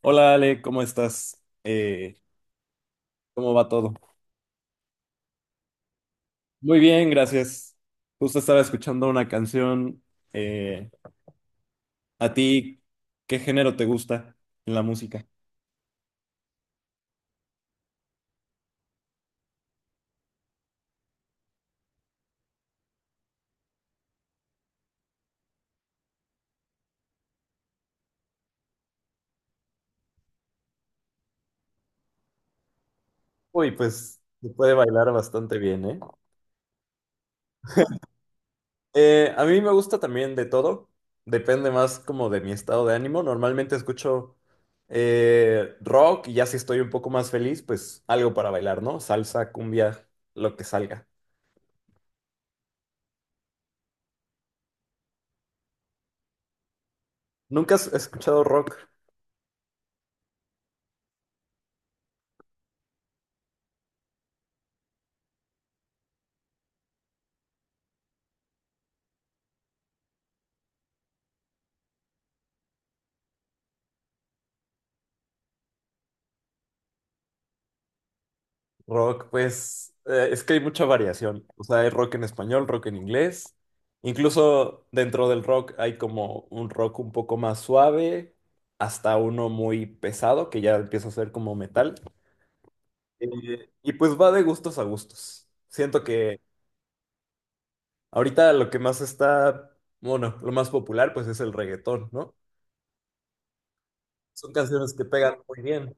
Hola Ale, ¿cómo estás? ¿Cómo va todo? Muy bien, gracias. Justo estaba escuchando una canción. eh, ¿A ti qué género te gusta en la música? Uy, pues se puede bailar bastante bien, ¿eh? A mí me gusta también de todo. Depende más como de mi estado de ánimo. Normalmente escucho rock, y ya si estoy un poco más feliz, pues algo para bailar, ¿no? Salsa, cumbia, lo que salga. ¿Nunca has escuchado rock? Rock, pues, es que hay mucha variación. O sea, hay rock en español, rock en inglés. Incluso dentro del rock hay como un rock un poco más suave, hasta uno muy pesado, que ya empieza a ser como metal. Y pues va de gustos a gustos. Siento que ahorita lo que más está, bueno, lo más popular pues es el reggaetón, ¿no? Son canciones que pegan muy bien.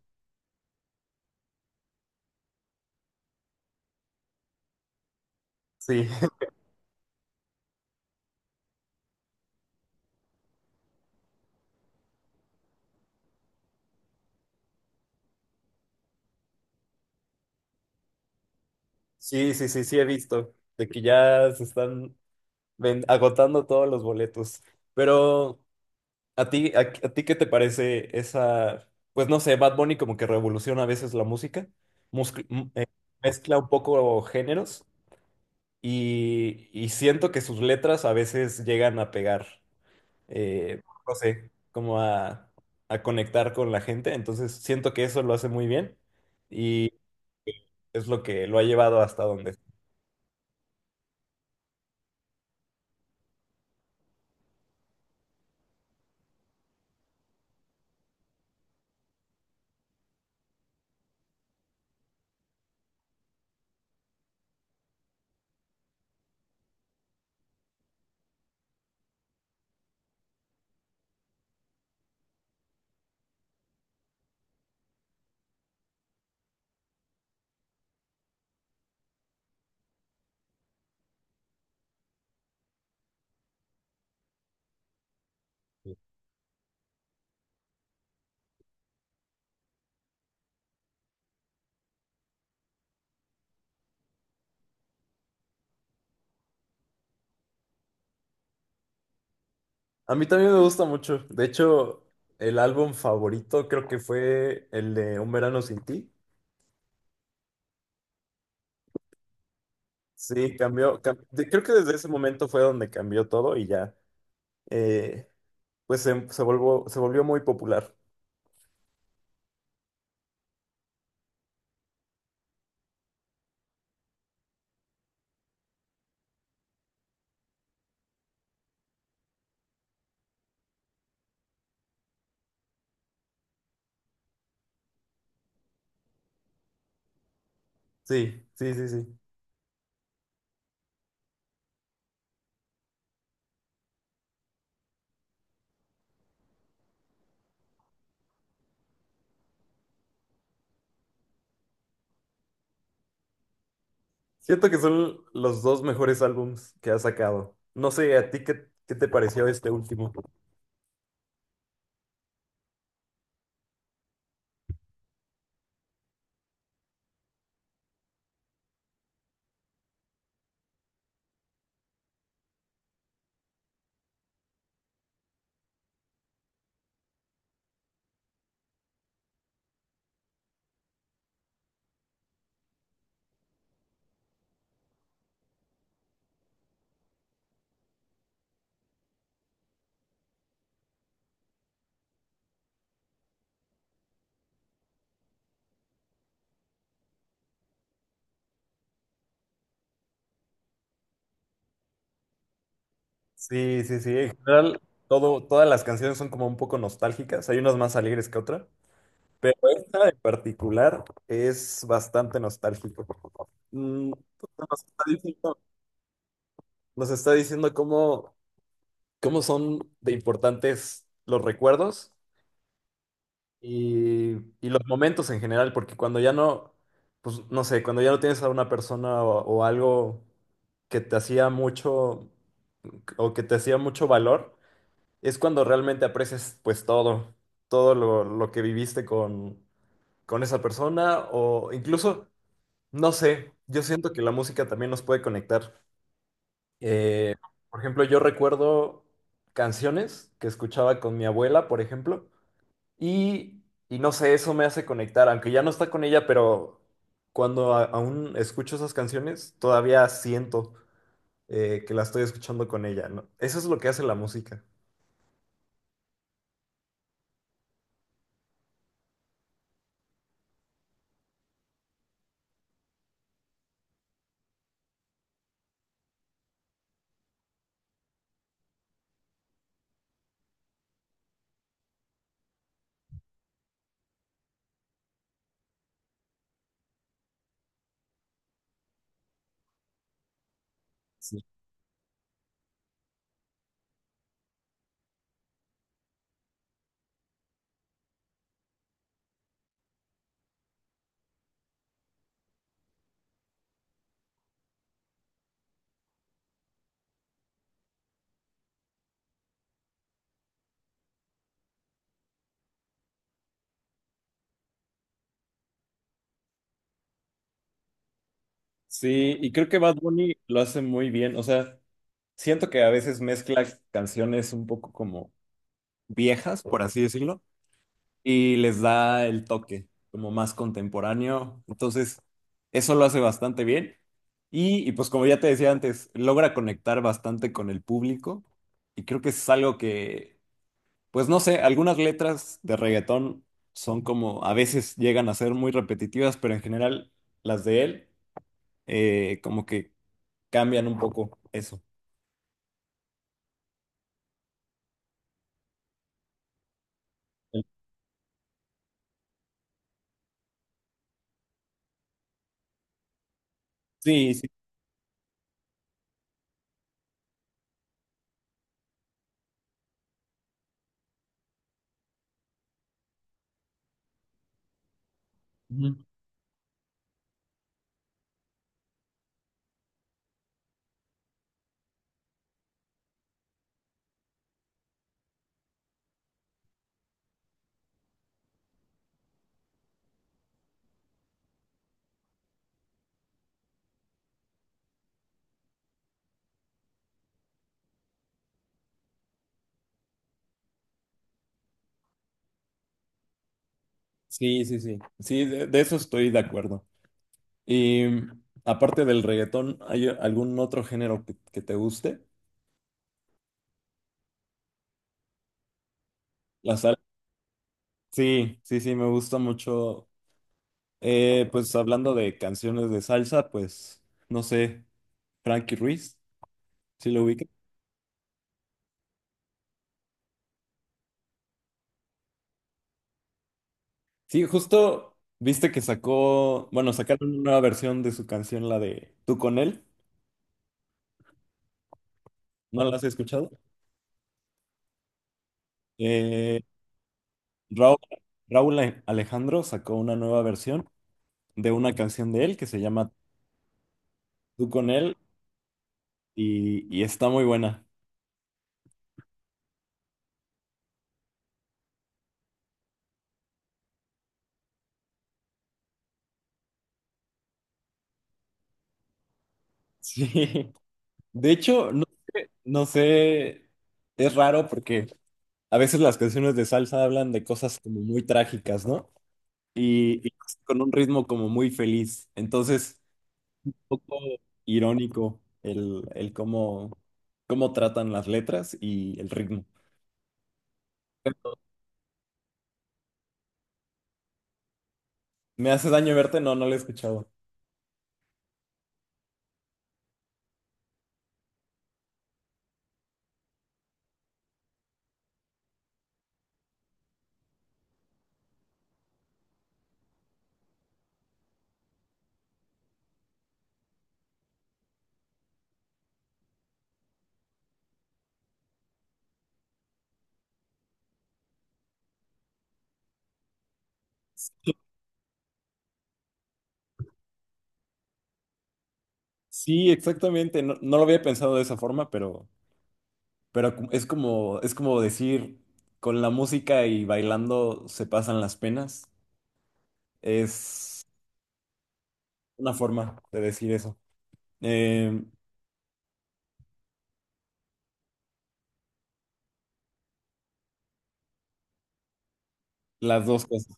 Sí, sí, sí, sí, sí he visto. De que ya se están Ven, agotando todos los boletos. Pero, ¿a ti, a ti qué te parece esa, pues no sé, Bad Bunny como que revoluciona a veces la música, musc- m- eh, mezcla un poco géneros y siento que sus letras a veces llegan a pegar, eh, no sé, como a conectar con la gente. Entonces, siento que eso lo hace muy bien y es lo que lo ha llevado hasta donde. A mí también me gusta mucho. De hecho, el álbum favorito creo que fue el de Un Verano Sin Ti. Sí, creo que desde ese momento fue donde cambió todo y ya, eh, pues se se volvió muy popular. Sí, sí, sí, sí. Siento que son los dos mejores álbums que ha sacado. No sé, ¿a ti qué te pareció este último? Sí, sí, sí. En general, todas las canciones son como un poco nostálgicas. Hay unas más alegres que otras. Pero esta en particular es bastante nostálgico. Mm. Nos está diciendo, nos está diciendo cómo, cómo son de importantes los recuerdos y, y los momentos en general, porque cuando ya no, pues no sé, cuando ya no tienes a una persona o algo que te hacía mucho o que te hacía mucho valor, es cuando realmente aprecias pues todo, todo lo que viviste con esa persona o incluso... No sé, yo siento que la música también nos puede conectar. Eh, por ejemplo, yo recuerdo canciones que escuchaba con mi abuela, por ejemplo, y, y no sé, eso me hace conectar, aunque ya no está con ella, pero cuando aún escucho esas canciones, todavía siento que la estoy escuchando con ella, ¿no? Eso es lo que hace la música. Sí, sí, y creo que Bad Bunny lo hace muy bien. O sea, siento que a veces mezcla canciones un poco como viejas, por así decirlo, y les da el toque como más contemporáneo. Entonces, eso lo hace bastante bien. Y pues como ya te decía antes, logra conectar bastante con el público y creo que es algo que, pues no sé, algunas letras de reggaetón son como, a veces llegan a ser muy repetitivas, pero en general las de él como que cambian un poco eso. Sí, sí. Ujú. Sí, sí, sí. Sí, de eso estoy de acuerdo. Y mm, aparte del reggaetón, ¿hay algún otro género que te guste? La salsa. Sí, sí, sí, me gusta mucho. Pues hablando de canciones de salsa, pues no sé, Frankie Ruiz, sí lo ubica. Sí, justo viste que sacó, bueno, sacaron una nueva versión de su canción, la de Tú con él, ¿no la has escuchado? Eh, Raúl, Raúl Alejandro sacó una nueva versión de una canción de él que se llama Tú con él y está muy buena. Sí, de hecho, no, no sé, es raro porque a veces las canciones de salsa hablan de cosas como muy trágicas, ¿no? Y con un ritmo como muy feliz. Entonces, un poco irónico el cómo, cómo tratan las letras y el ritmo. ¿Me hace daño verte? No, no lo he escuchado. Sí, exactamente. No, no lo había pensado de esa forma, pero, es como decir, con la música y bailando se pasan las penas. Es una forma de decir eso. Eh, las dos cosas.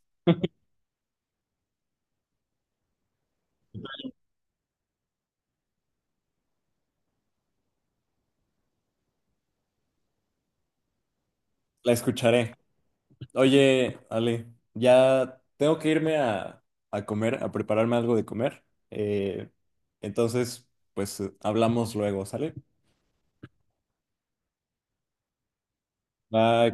La escucharé. Oye, Ale, ya tengo que irme a comer, a prepararme algo de comer. Eh, entonces, pues hablamos luego, ¿sale? Bye.